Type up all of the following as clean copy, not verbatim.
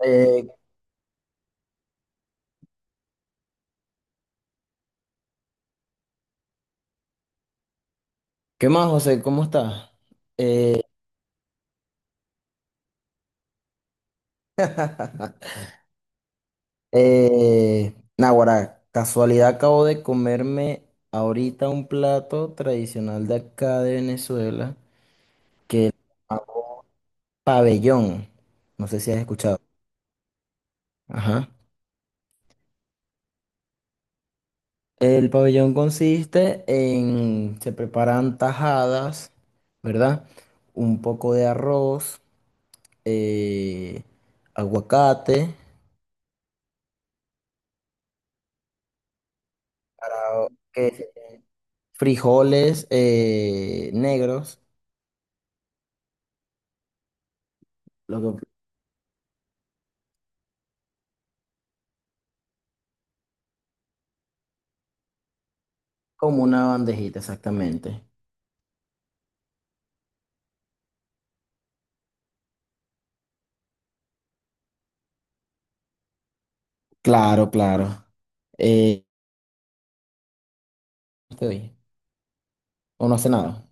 Eh, ¿Qué más, José? ¿Cómo estás? Eh, Naguará, casualidad acabo de comerme ahorita un plato tradicional de acá de Venezuela, ah, pabellón. No sé si has escuchado. Ajá. El pabellón consiste en, se preparan tajadas, ¿verdad? Un poco de arroz, eh, aguacate, para- que- frijoles negros. Lo que como una bandejita, exactamente. Claro, claro. Eh, estoy. ¿O no hace nada?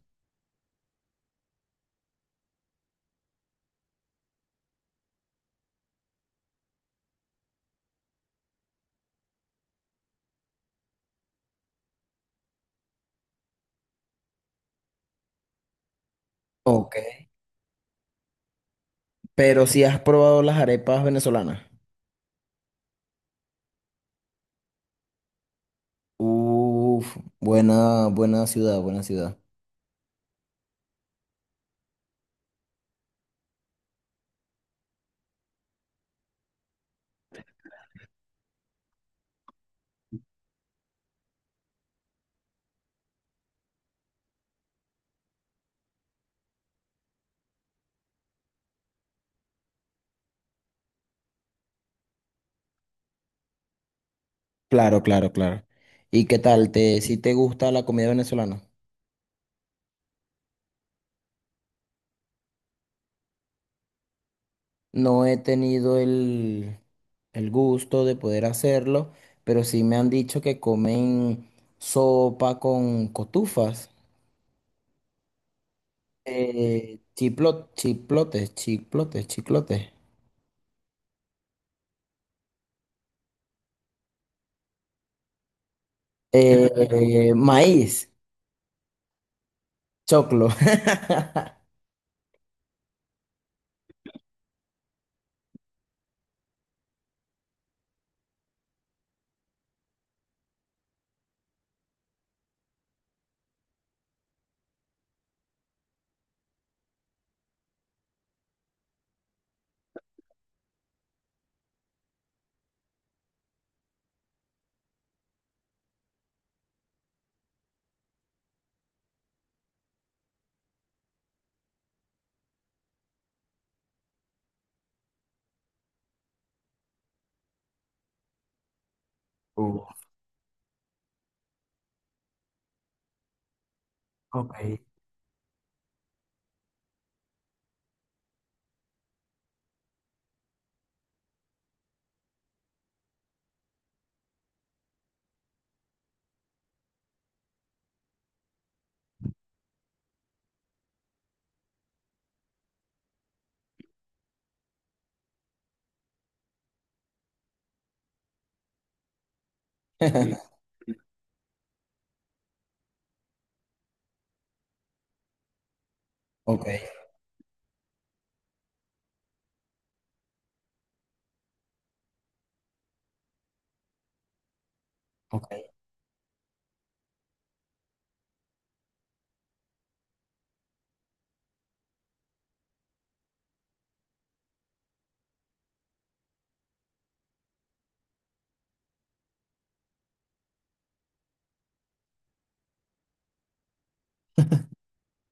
Ok. Pero si has probado las arepas venezolanas. Uf, buena, buena ciudad, buena ciudad. Claro, claro, claro. ¿Y qué tal? ¿Te, si te gusta la comida venezolana? No he tenido el gusto de poder hacerlo, pero sí me han dicho que comen sopa con cotufas. Chiclotes. Eh, maíz, choclo. Uh, ok. Ok, ok.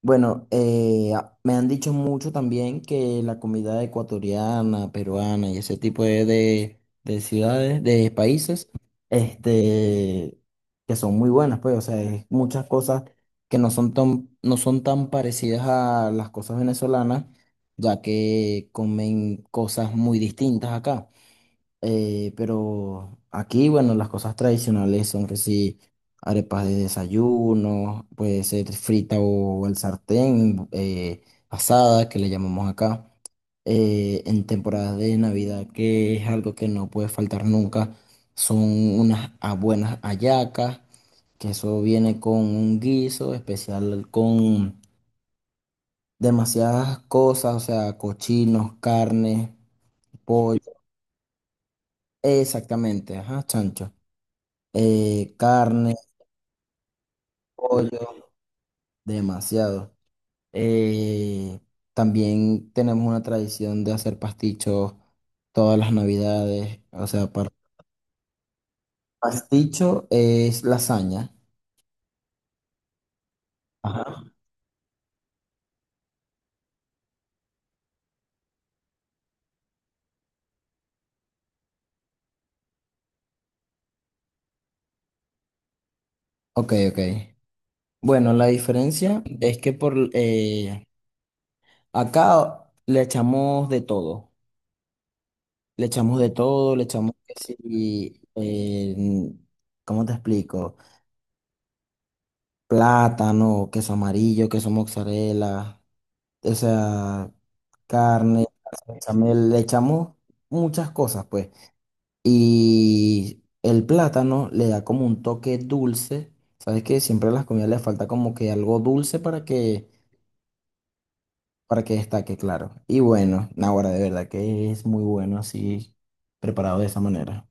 Bueno, me han dicho mucho también que la comida ecuatoriana, peruana y ese tipo de, de ciudades, de países, este, que son muy buenas, pues, o sea, es muchas cosas que no son tan, no son tan parecidas a las cosas venezolanas, ya que comen cosas muy distintas acá. Pero aquí, bueno, las cosas tradicionales son que sí, arepas de desayuno, puede ser frita o el sartén, asada, que le llamamos acá. En temporadas de Navidad, que es algo que no puede faltar nunca, son unas buenas hallacas, que eso viene con un guiso especial con demasiadas cosas, o sea, cochinos, carne, pollo, exactamente, ajá, chancho. Carne, pollo, demasiado. Eh, también tenemos una tradición de hacer pastichos todas las navidades. O sea, pasticho es lasaña. Ajá. Ok, ok. Bueno, la diferencia es que por acá le echamos de todo. Le echamos de todo, le echamos que sí, ¿cómo te explico? Plátano, queso amarillo, queso mozzarella. O sea, carne, bechamel, le echamos muchas cosas, pues. Y el plátano le da como un toque dulce. Sabes que siempre a las comidas le falta como que algo dulce para que destaque, claro. Y bueno, ahora de verdad que es muy bueno así, preparado de esa manera.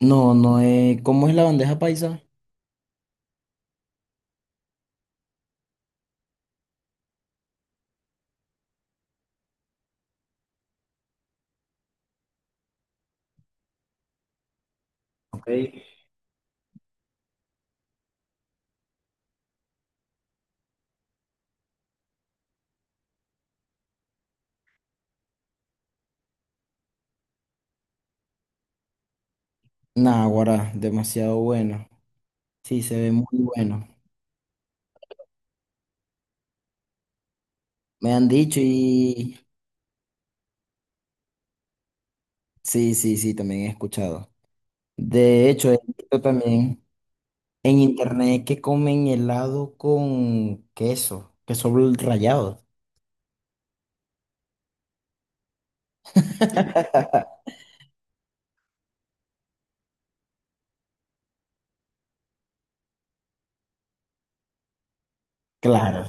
No, no es, ¿cómo es la bandeja paisa? Ok. Naguará, demasiado bueno. Sí, se ve muy bueno. Me han dicho y sí, sí, sí, también he escuchado. De hecho, he visto también en internet que comen helado con queso, rallado. Claro.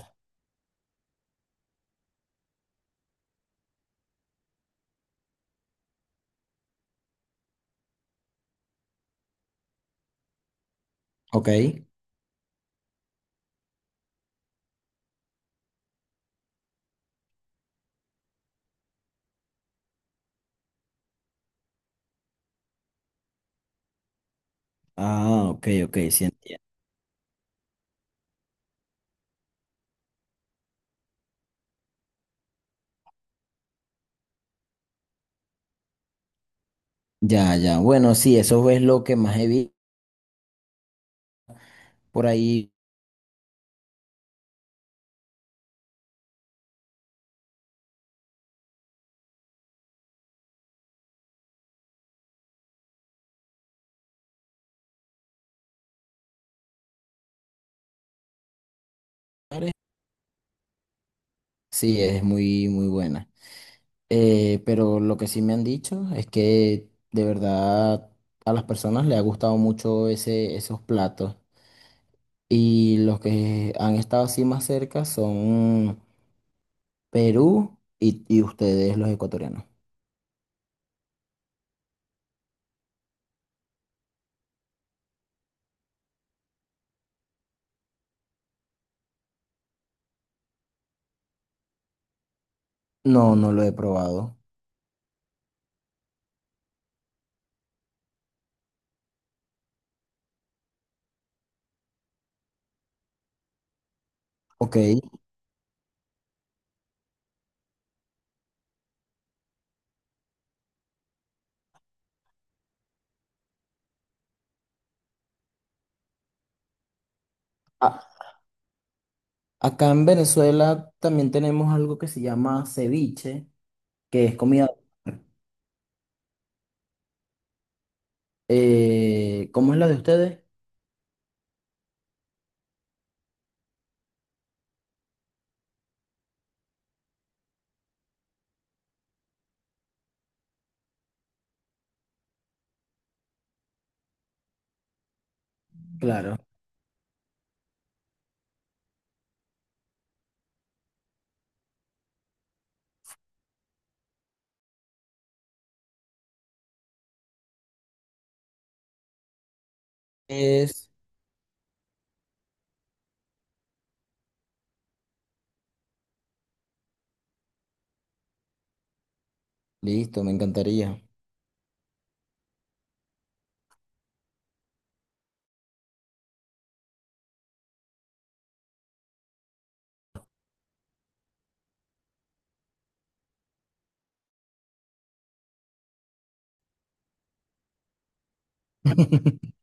Ok. Ah, ok, ok, sí entiendo. Ya, ya. Bueno, sí, eso es lo que más he visto por ahí. Sí, es muy, muy buena. Pero lo que sí me han dicho es que de verdad a las personas les ha gustado mucho ese, esos platos. Y los que han estado así más cerca son Perú y ustedes, los ecuatorianos. No, no lo he probado. Ok. A- acá en Venezuela también tenemos algo que se llama ceviche, que es comida. ¿Cómo es la de ustedes? Claro. Es. Listo, me encantaría.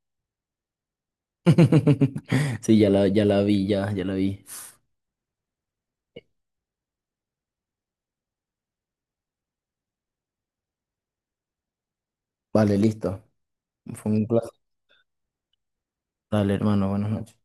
Sí, ya la, ya la vi, ya, ya la vi. Vale, listo. Fue un placer. Dale, hermano, buenas noches.